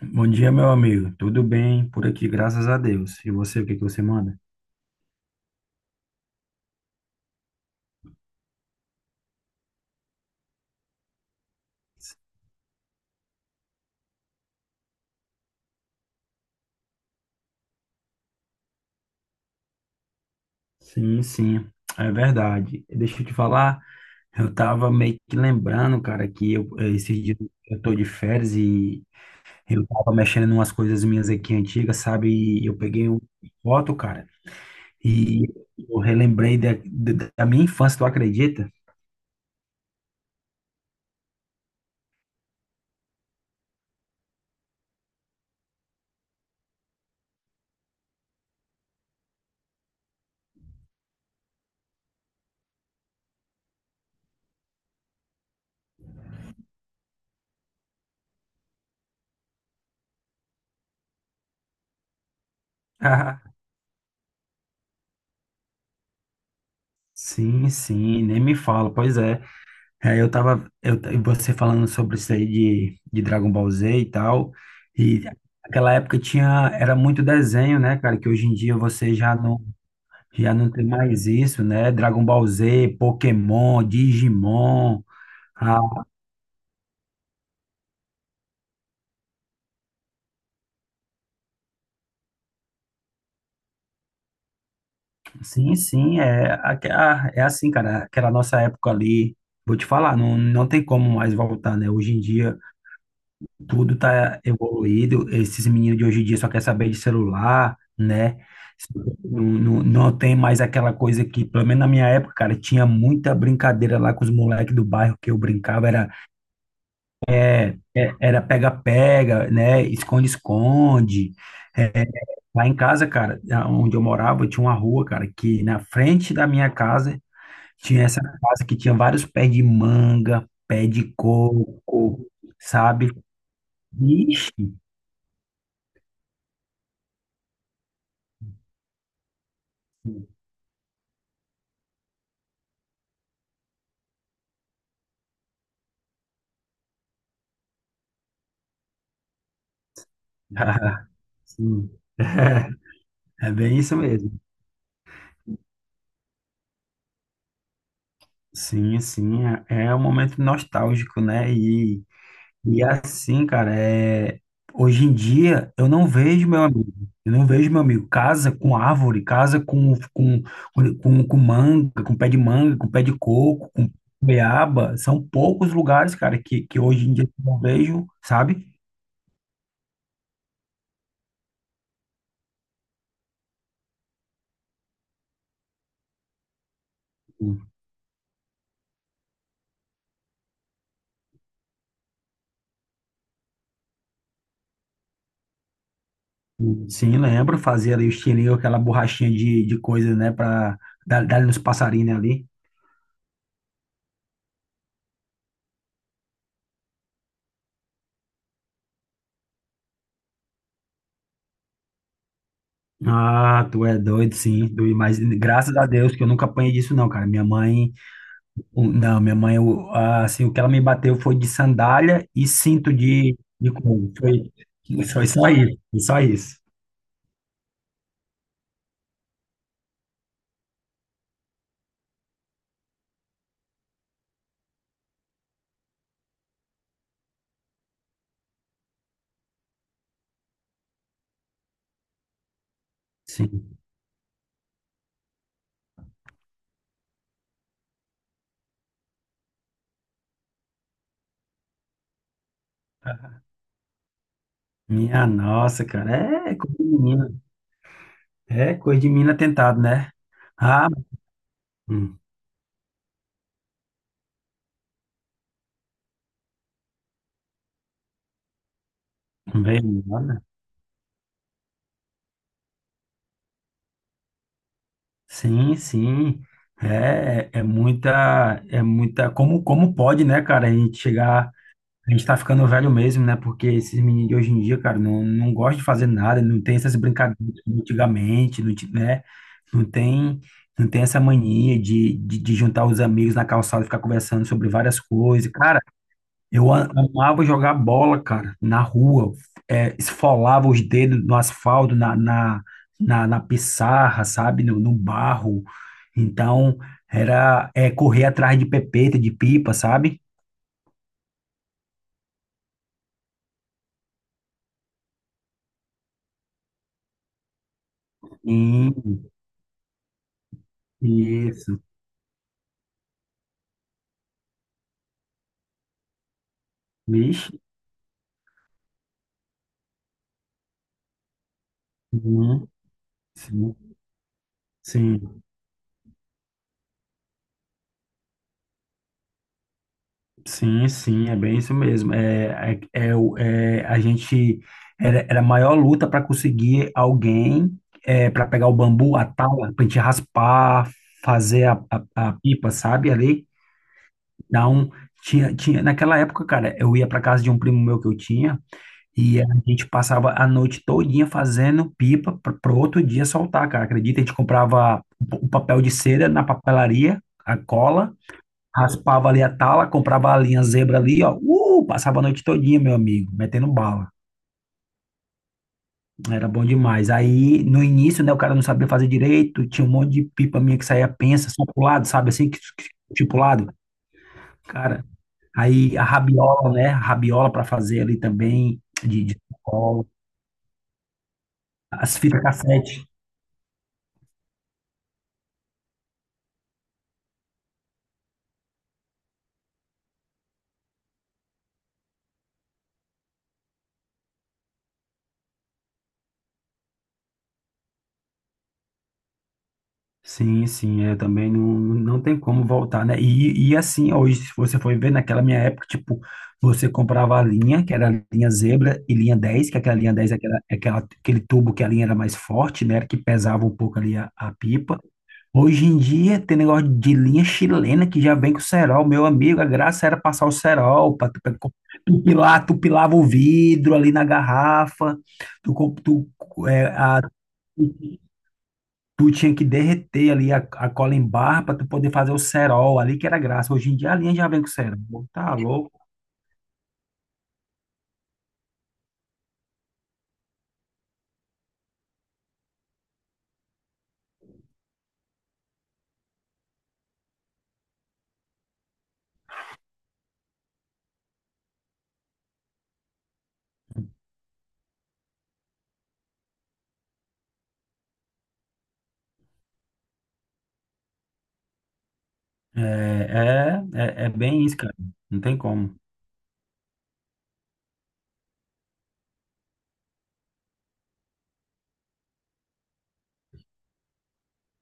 Bom dia, meu amigo. Tudo bem por aqui, graças a Deus. E você, o que que você manda? Sim, sim, é verdade. Deixa eu te falar, eu tava meio que lembrando, cara, que eu, esses dias eu tô de férias e eu tava mexendo em umas coisas minhas aqui antigas, sabe? E eu peguei uma foto, cara, e eu relembrei da minha infância, tu acredita? Sim, sim, nem me fala, pois é. É, e você falando sobre isso aí de Dragon Ball Z e tal, e naquela época tinha, era muito desenho, né, cara, que hoje em dia você já não tem mais isso, né, Dragon Ball Z, Pokémon, Digimon, ah, sim, sim, é, é assim, cara, aquela nossa época ali, vou te falar, não, não tem como mais voltar, né, hoje em dia. Tudo tá evoluído. Esses meninos de hoje em dia só quer saber de celular, né? Não tem mais aquela coisa que, pelo menos na minha época, cara, tinha muita brincadeira lá com os moleques do bairro que eu brincava. Era pega-pega, né? Esconde-esconde. É, lá em casa, cara, onde eu morava, tinha uma rua, cara, que na frente da minha casa tinha essa casa que tinha vários pés de manga, pé de coco, sabe? Ixi. Sim. É bem isso mesmo. Sim, sim, é um momento nostálgico, né? E assim, cara, hoje em dia eu não vejo meu amigo, eu não vejo meu amigo. Casa com árvore, casa com manga, com pé de manga, com pé de coco, com beaba. São poucos lugares, cara, que hoje em dia eu não vejo, sabe? Sim, lembro, fazia ali o estilingue, aquela borrachinha de coisa, né, pra dar nos passarinhos ali. Ah, tu é doido, sim. Mas graças a Deus que eu nunca apanhei disso, não, cara. Minha mãe, não, minha mãe, assim, o que ela me bateu foi de sandália e cinto de couro. Foi só isso, foi só isso. Sim. Minha nossa, cara, é coisa de menina. É coisa de menina tentado, né? Ah, hum, bem, olha. Sim, sim. É muita, é muita. Como pode, né, cara, a gente chegar. A gente tá ficando velho mesmo, né? Porque esses meninos de hoje em dia, cara, não gostam de fazer nada, não tem essas brincadeiras de antigamente, não, né? Não tem, não tem essa mania de juntar os amigos na calçada e ficar conversando sobre várias coisas. Cara, eu amava jogar bola, cara, na rua, esfolava os dedos no asfalto, na pissarra, sabe? No barro. Então, correr atrás de pepeta, de pipa, sabe? Sim, isso. Vixe, uhum, sim, sim, sim, sim, é bem isso mesmo. A gente era a maior luta para conseguir alguém, para pegar o bambu, a tala, para a gente raspar, fazer a pipa, sabe? Ali. Então, tinha, naquela época, cara, eu ia para casa de um primo meu que eu tinha e a gente passava a noite todinha fazendo pipa para outro dia soltar, cara. Acredita? A gente comprava o papel de cera na papelaria, a cola. Raspava ali a tala, comprava a linha zebra ali, ó. Passava a noite todinha, meu amigo, metendo bala. Era bom demais. Aí, no início, né, o cara não sabia fazer direito, tinha um monte de pipa minha que saía pensa, só pro lado, sabe assim, tipo pro lado. Cara, aí a rabiola, né, a rabiola pra fazer ali também, de cola. As fitas cassete. Sim, sim, é também não tem como voltar, né? E assim, hoje, se você for ver, naquela minha época, tipo, você comprava a linha, que era a linha zebra, e linha 10 que aquela linha 10 aquele tubo que a linha era mais forte, né? Que pesava um pouco ali a pipa. Hoje em dia, tem negócio de linha chilena que já vem com cerol. Meu amigo, a graça era passar o cerol, pra, tu pilar, tu pilava o vidro ali na garrafa, tu, co- tu, é, a, Tu tinha que derreter ali a cola em barra para tu poder fazer o cerol ali, que era graça. Hoje em dia a linha já vem com cerol. Tá louco? É bem isso, cara. Não tem como.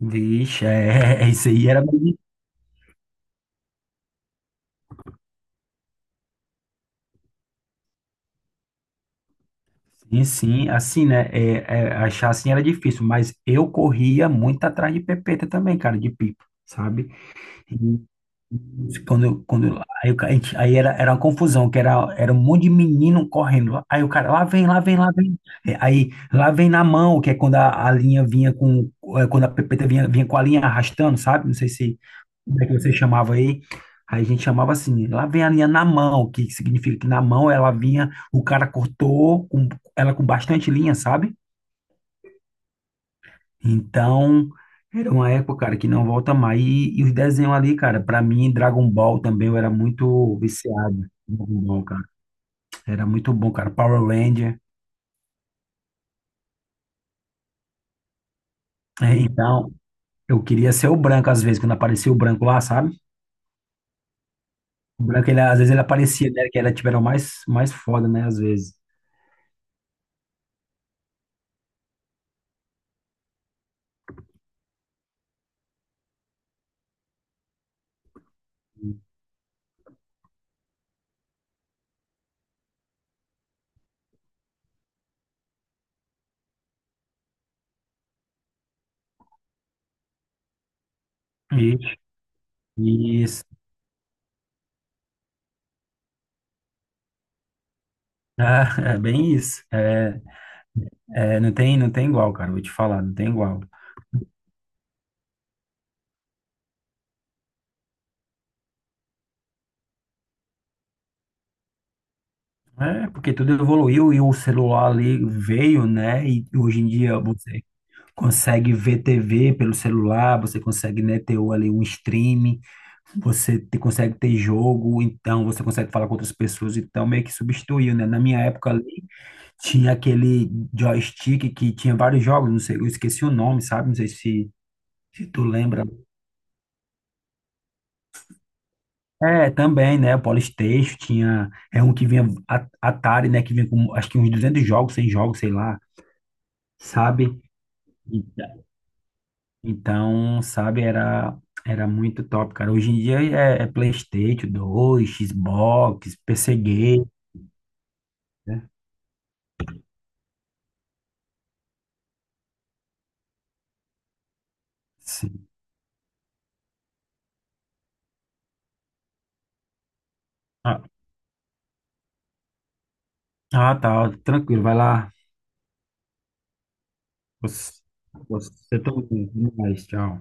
Vixe, isso aí era bem difícil. Sim, sim, assim, né? Achar assim era difícil, mas eu corria muito atrás de pepeta também, cara, de pipa, sabe? Aí, o ca- a gente- aí era, era uma confusão, que era um monte de menino correndo. Aí o cara, lá vem, lá vem, lá vem. Aí, lá vem na mão, que é quando a linha vinha com, quando a pepeta vinha com a linha arrastando, sabe? Não sei se, como é que você chamava aí. Aí a gente chamava assim, lá vem a linha na mão, que significa que na mão ela vinha, o cara cortou, ela com bastante linha, sabe? Então, era uma época, cara, que não volta mais. E os desenhos ali, cara, pra mim, Dragon Ball também, eu era muito viciado. Dragon Ball, cara. Era muito bom, cara. Power Ranger. Então, eu queria ser o branco às vezes, quando aparecia o branco lá, sabe? O branco, ele, às vezes ele aparecia, né? Que tipo, era o mais, mais foda, né? Às vezes. E, isso. Ah, é bem isso. Não tem igual, cara. Vou te falar, não tem igual. É, porque tudo evoluiu e o celular ali veio, né? E hoje em dia você consegue ver TV pelo celular, você consegue, né, ter ali um stream, você consegue ter jogo, então você consegue falar com outras pessoas, então meio que substituiu, né? Na minha época ali tinha aquele joystick que tinha vários jogos, não sei, eu esqueci o nome, sabe? Não sei se tu lembra. É, também, né? O PlayStation tinha, é um que vinha Atari, né, que vinha com acho que uns 200 jogos, 100 jogos, sei lá, sabe? Então, sabe, era muito top, cara. Hoje em dia é PlayStation 2 Xbox, PC Game, né? Sim. Ah, tá, tranquilo, vai lá. Você, você também. Até mais, tchau.